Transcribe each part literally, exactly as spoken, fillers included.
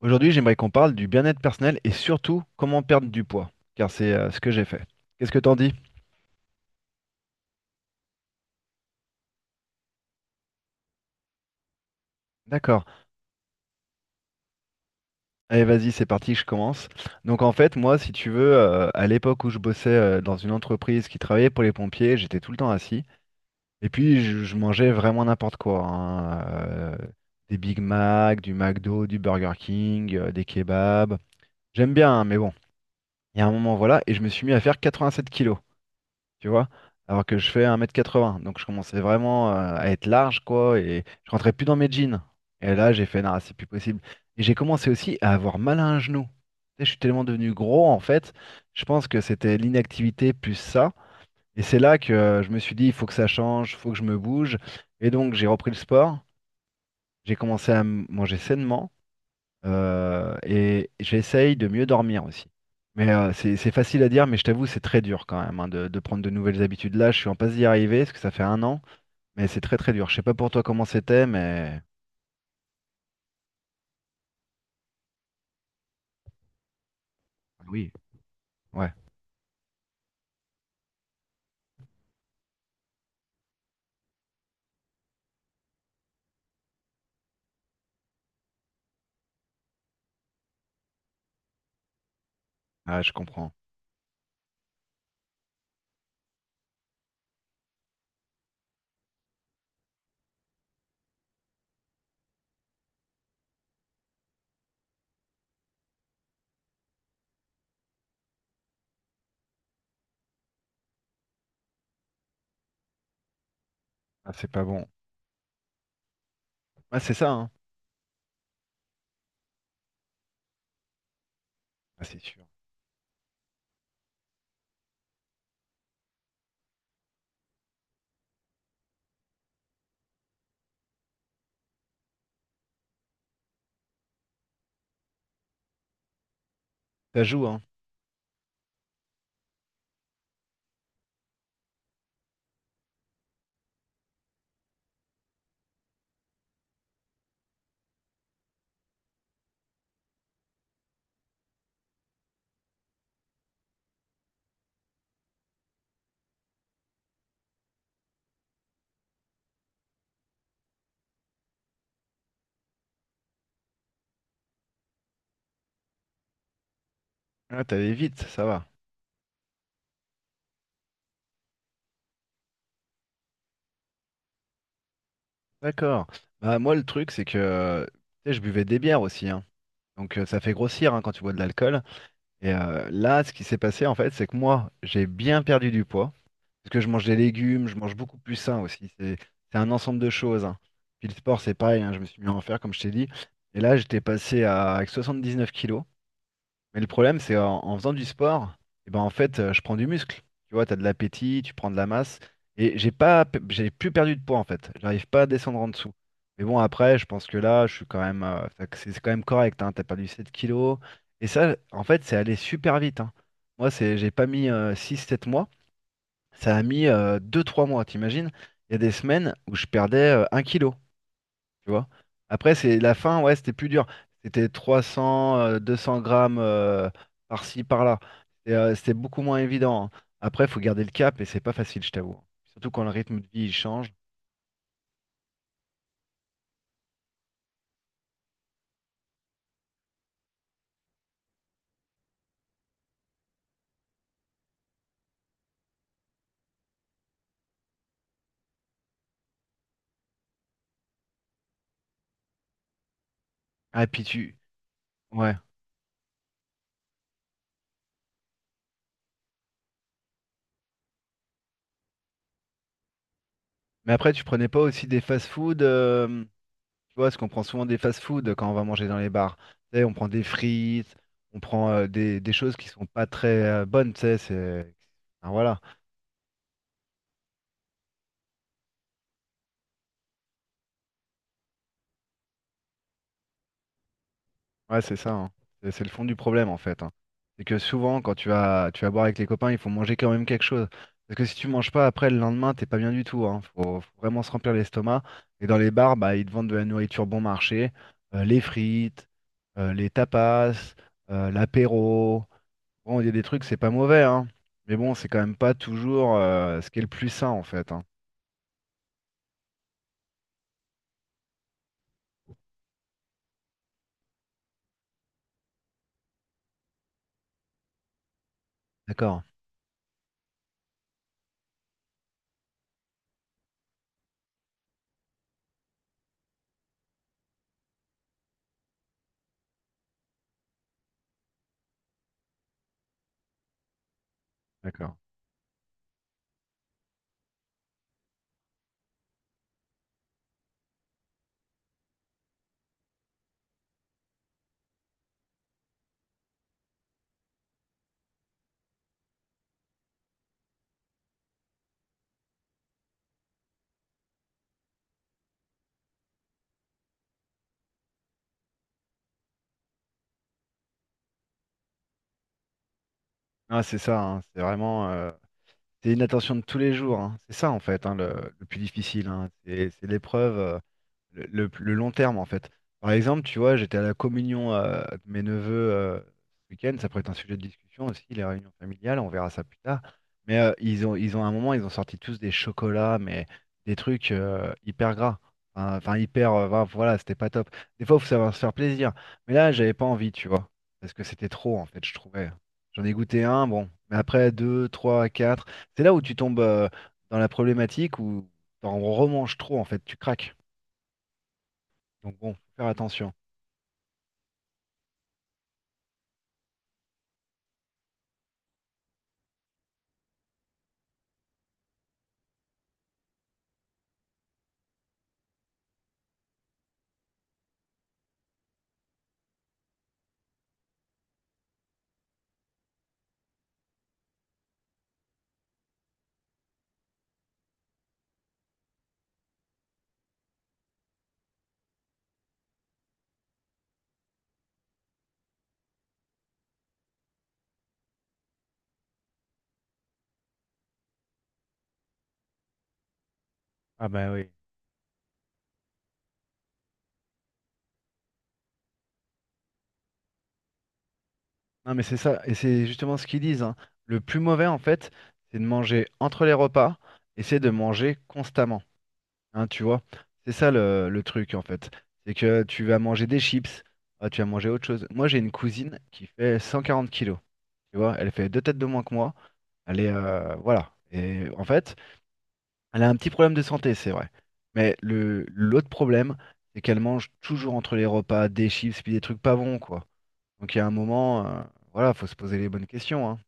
Aujourd'hui, j'aimerais qu'on parle du bien-être personnel et surtout comment perdre du poids, car c'est euh, ce que j'ai fait. Qu'est-ce que t'en dis? D'accord. Allez, vas-y, c'est parti, je commence. Donc en fait, moi, si tu veux, euh, à l'époque où je bossais euh, dans une entreprise qui travaillait pour les pompiers, j'étais tout le temps assis. Et puis, je, je mangeais vraiment n'importe quoi, hein, euh, des Big Mac, du McDo, du Burger King, euh, des kebabs. J'aime bien, hein, mais bon, il y a un moment, voilà, et je me suis mis à faire quatre-vingt-sept kilos, tu vois. Alors que je fais un mètre quatre-vingts, donc je commençais vraiment euh, à être large, quoi, et je rentrais plus dans mes jeans. Et là, j'ai fait, non, c'est plus possible. Et j'ai commencé aussi à avoir mal à un genou. Tu sais, je suis tellement devenu gros, en fait, je pense que c'était l'inactivité plus ça. Et c'est là que euh, je me suis dit, il faut que ça change, il faut que je me bouge. Et donc, j'ai repris le sport, j'ai commencé à m- manger sainement. Euh, et j'essaye de mieux dormir aussi. Mais euh, c'est c'est facile à dire, mais je t'avoue, c'est très dur quand même, hein, de, de prendre de nouvelles habitudes. Là, je suis en passe d'y arriver, parce que ça fait un an, mais c'est très très dur. Je sais pas pour toi comment c'était, mais oui, ouais. Ah, je comprends. Ah, c'est pas bon. Ah, c'est ça, hein. Ah, c'est sûr. Ça joue, hein. Ah, t'allais vite, ça va. D'accord. Bah, moi, le truc, c'est que euh, tu sais, je buvais des bières aussi, hein. Donc euh, ça fait grossir, hein, quand tu bois de l'alcool. Et euh, là, ce qui s'est passé, en fait, c'est que moi, j'ai bien perdu du poids. Parce que je mange des légumes, je mange beaucoup plus sain aussi. C'est c'est un ensemble de choses, hein. Puis le sport, c'est pareil, hein, je me suis mis à en faire, comme je t'ai dit. Et là, j'étais passé à avec soixante-dix-neuf kilos. Mais le problème, c'est en, en faisant du sport, et ben en fait, euh, je prends du muscle. Tu vois, tu as de l'appétit, tu prends de la masse. Et j'ai pas, pe- j'ai plus perdu de poids, en fait. J'arrive pas à descendre en dessous. Mais bon, après, je pense que là, je suis quand même, euh, ça- c'est c'est quand même correct. Hein, tu perdu sept kilos. Et ça, en fait, c'est allé super vite, hein. Moi, c'est, j'ai pas mis euh, six, sept mois. Ça a mis euh, deux trois mois, t'imagines? Il y a des semaines où je perdais euh, un kilo, tu vois. Après, c'est la fin, ouais, c'était plus dur. C'était trois cents, euh, deux cents grammes euh, par-ci, par-là. Et, euh, c'était beaucoup moins évident, hein. Après, il faut garder le cap et c'est pas facile, je t'avoue. Surtout quand le rythme de vie il change. Ah, et puis tu. Ouais. Mais après, tu prenais pas aussi des fast-food, euh, tu vois, parce qu'on prend souvent des fast-food quand on va manger dans les bars. Tu sais, on prend des frites, on prend euh, des, des choses qui sont pas très euh, bonnes, tu sais, c'est, enfin, voilà. Ouais, c'est ça, hein. C'est c'est le fond du problème, en fait, hein. C'est que souvent, quand tu vas, tu vas boire avec les copains, il faut manger quand même quelque chose. Parce que si tu manges pas, après, le lendemain, t'es pas bien du tout, hein. Faut, faut vraiment se remplir l'estomac. Et dans les bars, bah, ils te vendent de la nourriture bon marché, euh, les frites, euh, les tapas, euh, l'apéro. Bon, il y a des trucs, c'est pas mauvais, hein. Mais bon, c'est quand même pas toujours euh, ce qui est le plus sain, en fait, hein. D'accord. D'accord. Ah, c'est ça, hein, c'est vraiment, euh, c'est une attention de tous les jours, hein. C'est ça en fait, hein, le, le plus difficile, hein. C'est c'est l'épreuve, euh, le, le- le long terme en fait. Par exemple, tu vois, j'étais à la communion euh, de mes neveux euh, ce week-end. Ça pourrait être un sujet de discussion aussi, les réunions familiales. On verra ça plus tard. Mais euh, ils ont, ils ont à un moment, ils ont sorti tous des chocolats, mais des trucs euh, hyper gras. Enfin, enfin, hyper, euh, enfin, voilà, c'était pas top. Des fois, il faut savoir se faire plaisir. Mais là, j'avais pas envie, tu vois, parce que c'était trop en fait, je trouvais. J'en ai goûté un, bon, mais après deux, trois, quatre. C'est là où tu tombes euh, dans la problématique où t'en remanges trop, en fait, tu craques. Donc bon, faut faire attention. Ah bah oui. Non mais c'est ça, et c'est justement ce qu'ils disent, hein. Le plus mauvais, en fait, c'est de manger entre les repas et c'est de manger constamment. Hein, tu vois? C'est ça le, le truc, en fait. C'est que tu vas manger des chips, ah, tu vas manger autre chose. Moi, j'ai une cousine qui fait cent quarante kilos. Tu vois, elle fait deux têtes de moins que moi. Elle est, euh, voilà. Et en fait, elle a un petit problème de santé, c'est vrai. Mais le l'autre problème, c'est qu'elle mange toujours entre les repas des chips puis des trucs pas bons, quoi. Donc il y a un moment, euh, voilà, faut se poser les bonnes questions, hein.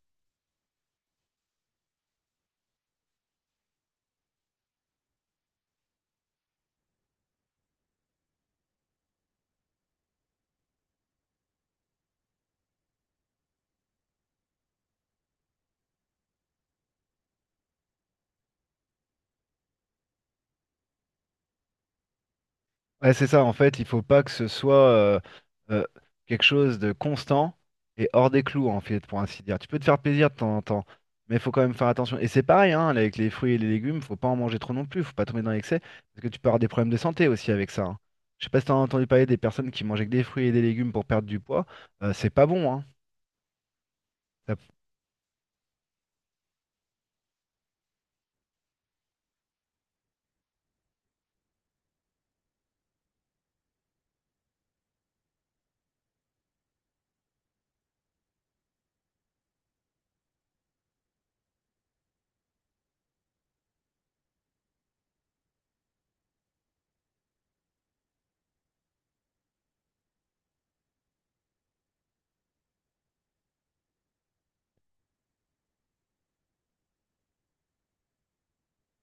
Ouais, c'est ça, en fait, il faut pas que ce soit euh, euh, quelque chose de constant et hors des clous, en fait, pour ainsi dire. Tu peux te faire plaisir de temps en temps, mais il faut quand même faire attention. Et c'est pareil, hein, avec les fruits et les légumes, faut pas en manger trop non plus, faut pas tomber dans l'excès, parce que tu peux avoir des problèmes de santé aussi avec ça, hein. Je sais pas si t'as entendu parler des personnes qui mangeaient que des fruits et des légumes pour perdre du poids, euh, c'est pas bon, hein. Ça-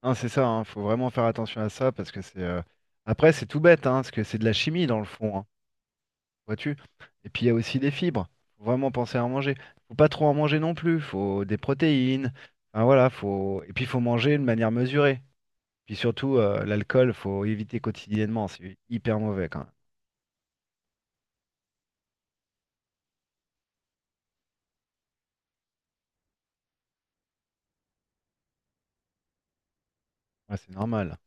hein, c'est ça, hein, faut vraiment faire attention à ça, parce que c'est, euh, après, c'est tout bête, hein, parce que c'est de la chimie dans le fond, hein. Vois-tu? Et puis il y a aussi des fibres. Faut vraiment penser à en manger. Faut pas trop en manger non plus. Faut des protéines. Enfin, voilà, faut. Et puis il faut manger de manière mesurée. Puis surtout, euh, l'alcool, faut éviter quotidiennement. C'est hyper mauvais quand même. Ouais, c'est normal.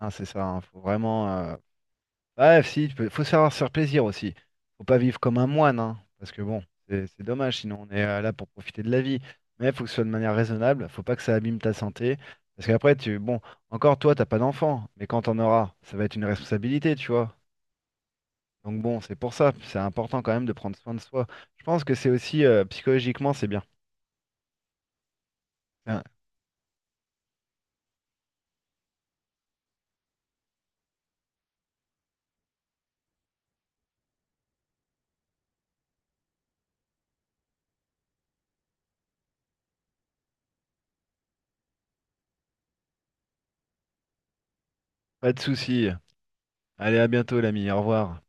Hein, c'est ça, hein. Faut vraiment, euh, ouais, si, tu peux- faut savoir se faire plaisir aussi. Faut pas vivre comme un moine, hein, parce que bon, c'est c'est dommage, sinon on est euh, là pour profiter de la vie. Mais faut que ce soit de manière raisonnable, faut pas que ça abîme ta santé. Parce qu'après, tu, bon, encore toi, t'as pas d'enfant, mais quand t'en auras, ça va être une responsabilité, tu vois. Donc bon, c'est pour ça, c'est important quand même de prendre soin de soi. Je pense que c'est aussi, euh, psychologiquement, c'est bien. Tiens, pas de souci. Allez, à bientôt, l'ami, au revoir.